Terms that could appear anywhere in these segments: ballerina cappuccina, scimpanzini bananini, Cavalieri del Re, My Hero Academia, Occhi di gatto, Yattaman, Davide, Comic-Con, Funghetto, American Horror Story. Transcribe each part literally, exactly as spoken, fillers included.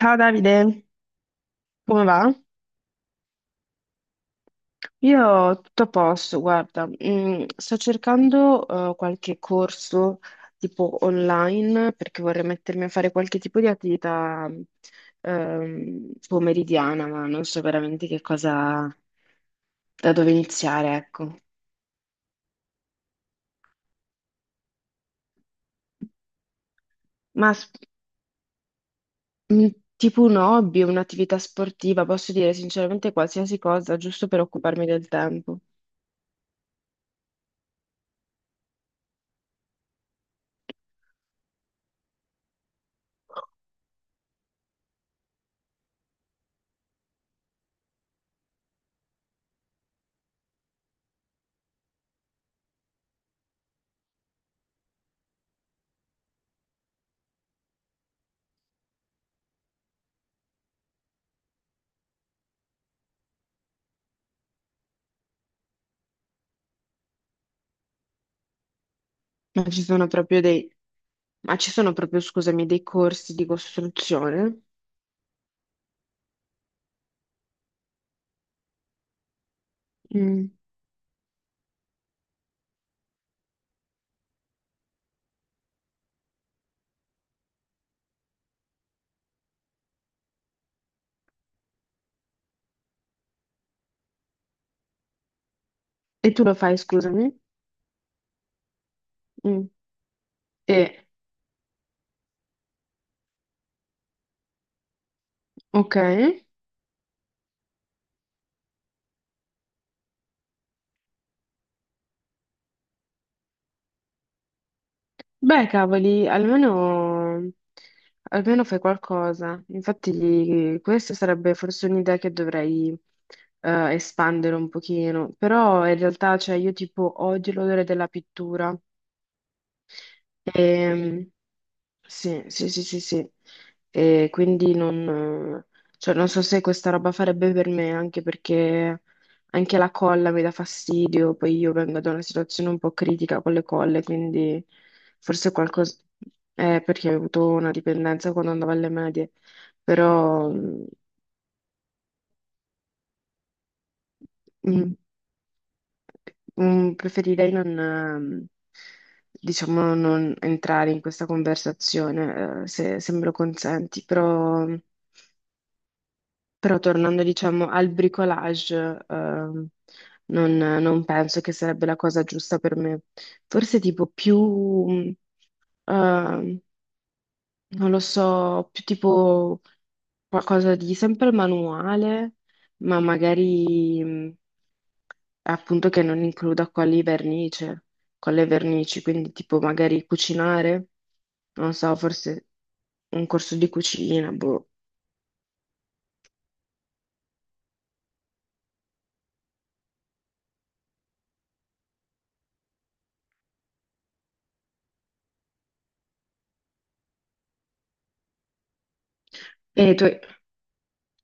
Ciao Davide, come va? Io tutto a posto, guarda, mm, sto cercando eh, qualche corso tipo online perché vorrei mettermi a fare qualche tipo di attività ehm, pomeridiana, ma non so veramente che cosa, da dove iniziare, ecco. Ma s- tipo un hobby, un'attività sportiva, posso dire sinceramente qualsiasi cosa, giusto per occuparmi del tempo. Ma ci sono proprio dei, Ma ci sono proprio, scusami, dei corsi di costruzione? Mm. E tu lo fai, scusami? Mm. E, ok. Beh, cavoli, almeno, almeno fai qualcosa. Infatti, questa sarebbe forse un'idea che dovrei eh, espandere un pochino. Però in realtà, cioè, io tipo odio l'odore della pittura. Ehm, Sì, sì, sì, sì, sì. E quindi non, cioè, non so se questa roba farebbe per me, anche perché anche la colla mi dà fastidio, poi io vengo da una situazione un po' critica con le colle, quindi forse qualcosa... Eh, perché ho avuto una dipendenza quando andavo alle medie, però mm, mm, preferirei non, ehm, diciamo, non entrare in questa conversazione, eh, se, se me lo consenti, però... Però tornando, diciamo, al bricolage, ehm, non, non penso che sarebbe la cosa giusta per me. Forse tipo più, mh, ehm, non lo so, più tipo qualcosa di sempre manuale, ma magari mh, appunto che non includa con le vernice, con le vernici, quindi tipo magari cucinare, non so, forse un corso di cucina, boh. E tu,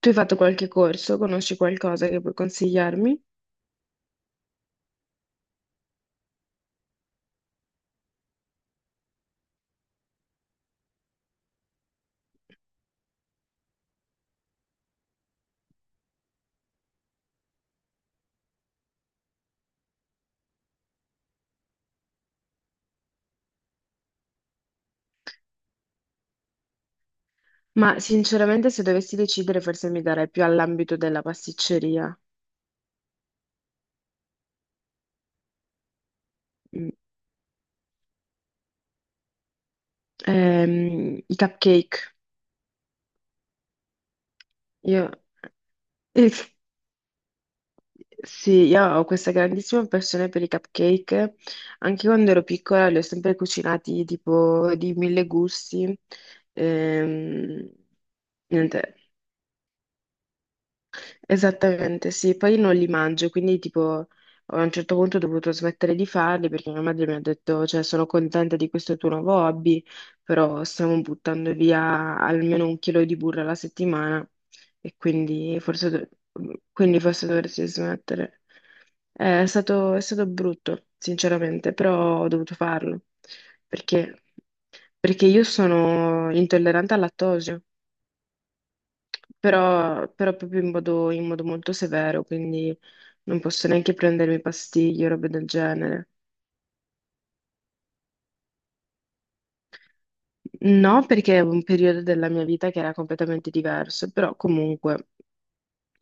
Tu hai fatto qualche corso, conosci qualcosa che puoi consigliarmi? Ma sinceramente, se dovessi decidere, forse mi darei più all'ambito della pasticceria. Mm. Ehm, i cupcake. Io, eh, sì, io ho questa grandissima passione per i cupcake. Anche quando ero piccola li ho sempre cucinati tipo di mille gusti. Ehm, Niente. Esattamente, sì, poi non li mangio, quindi tipo a un certo punto ho dovuto smettere di farli perché mia madre mi ha detto, cioè sono contenta di questo tuo nuovo hobby, però stiamo buttando via almeno un chilo di burro alla settimana e quindi forse, do- quindi forse dovresti smettere. Eh, È stato, è stato brutto, sinceramente, però ho dovuto farlo perché, perché io sono intollerante al lattosio però, però proprio in modo, in modo molto severo, quindi non posso neanche prendermi pastiglie o robe del genere. No, perché è un periodo della mia vita che era completamente diverso, però comunque,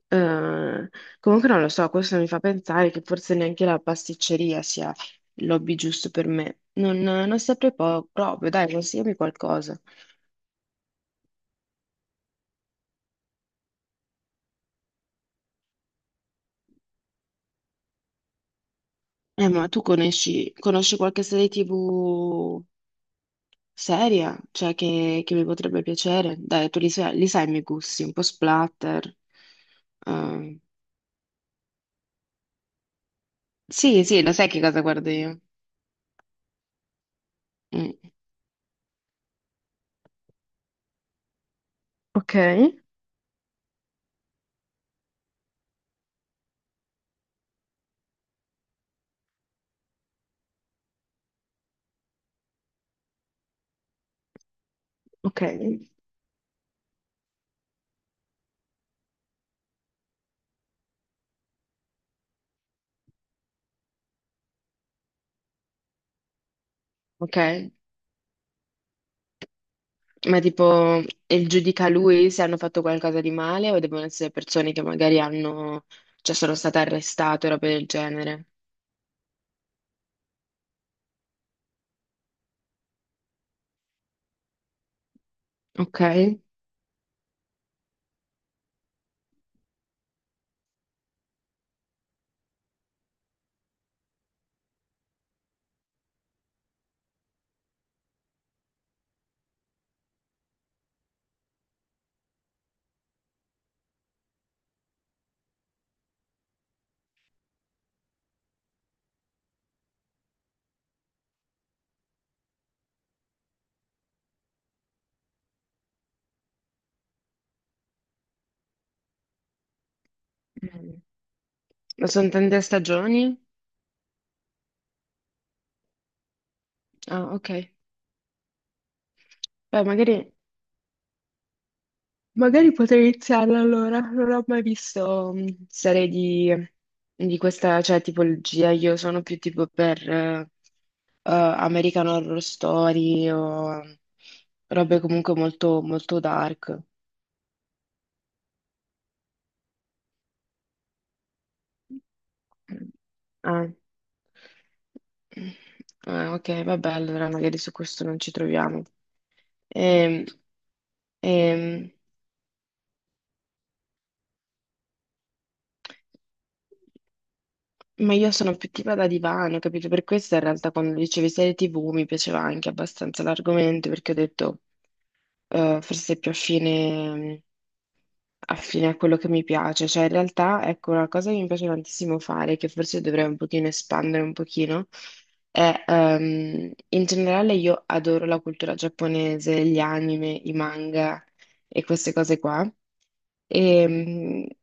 eh, comunque non lo so, questo mi fa pensare che forse neanche la pasticceria sia il lobby giusto per me. Non, non saprei po- proprio, dai, consigliami qualcosa. Eh, ma tu conosci, conosci qualche serie T V seria, cioè che, che mi potrebbe piacere. Dai, tu li sai, li sai i miei gusti, un po' splatter. Eh, sì, sì, lo sai che cosa guardo io. Mm, ok, ok. Ok. Ma tipo, e il giudica lui se hanno fatto qualcosa di male o devono essere persone che magari hanno, cioè sono state arrestate o roba del genere. Ok. Mm. Ma sono tante stagioni? Ah, ok. Beh, magari. Magari potrei iniziarla allora, non ho mai visto mm, serie di, di questa cioè, tipologia, io sono più tipo per eh, eh, American Horror Story o robe comunque molto, molto dark. Ah. Ah, ok, vabbè, allora magari su questo non ci troviamo. Ehm, ehm, Ma io sono più tipo da divano, capito? Per questo in realtà quando dicevi serie T V mi piaceva anche abbastanza l'argomento perché ho detto eh, forse è più affine, mm, affine a quello che mi piace. Cioè in realtà ecco una cosa che mi piace tantissimo fare, che forse dovrei un pochino espandere un pochino, è ehm, in generale io adoro la cultura giapponese, gli anime, i manga e queste cose qua. E,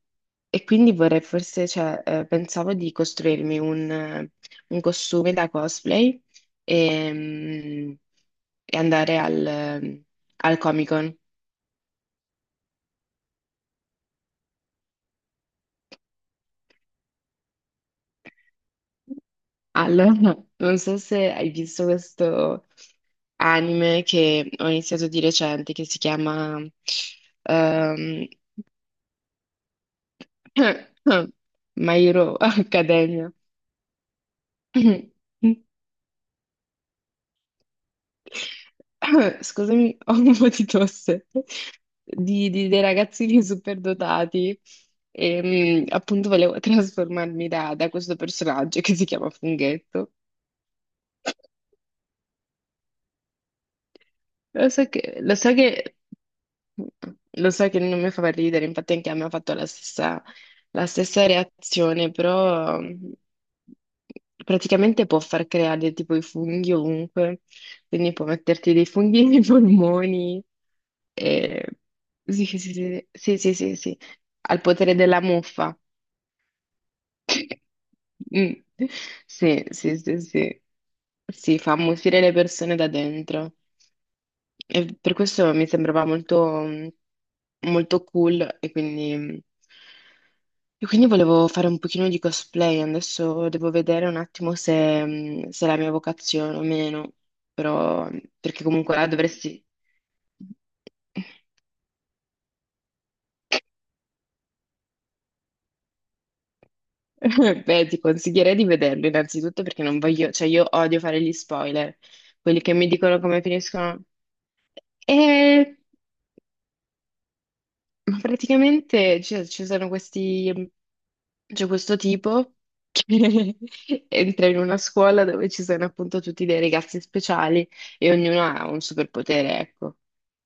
e quindi vorrei forse, cioè, eh, pensavo di costruirmi un, eh, un costume da cosplay e, mm, e andare al, eh, al Comic-Con. Allora, non so se hai visto questo anime che ho iniziato di recente, che si chiama ehm, My Hero Academia. Scusami, ho un po' di tosse di, di- dei ragazzini superdotati. E, mm, appunto volevo trasformarmi da, da questo personaggio che si chiama Funghetto. Lo so che, lo so che lo so che non mi fa per ridere, infatti anche a me ha fatto la stessa, la stessa reazione, però mm, praticamente può far creare tipo i funghi ovunque, quindi può metterti dei funghi nei polmoni. e- Sì, sì, sì, sì, sì, sì, sì, sì, al potere della muffa. Mm. Sì, sì, sì, sì, sì, fa ammuffire le persone da dentro. E per questo mi sembrava molto, molto cool e quindi, e quindi volevo fare un pochino di cosplay. Adesso devo vedere un attimo se, se è la mia vocazione o meno, però perché comunque là dovresti... Beh, ti consiglierei di vederlo innanzitutto perché non voglio, cioè io odio fare gli spoiler, quelli che mi dicono come finiscono. "Eh, Ma praticamente ci ci sono questi c'è questo tipo che entra in una scuola dove ci sono appunto tutti dei ragazzi speciali e ognuno ha un superpotere, ecco,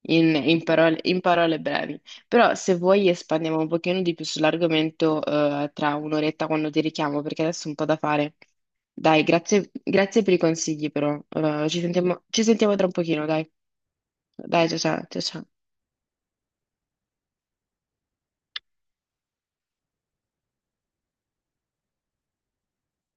in, in parole, in parole brevi. Però se vuoi espandiamo un pochino di più sull'argomento eh, tra un'oretta quando ti richiamo, perché adesso è un po' da fare. Dai, grazie, grazie per i consigli però. Eh, ci sentiamo, ci sentiamo tra un pochino, dai. Dai, ciao ciao, ciao ciao.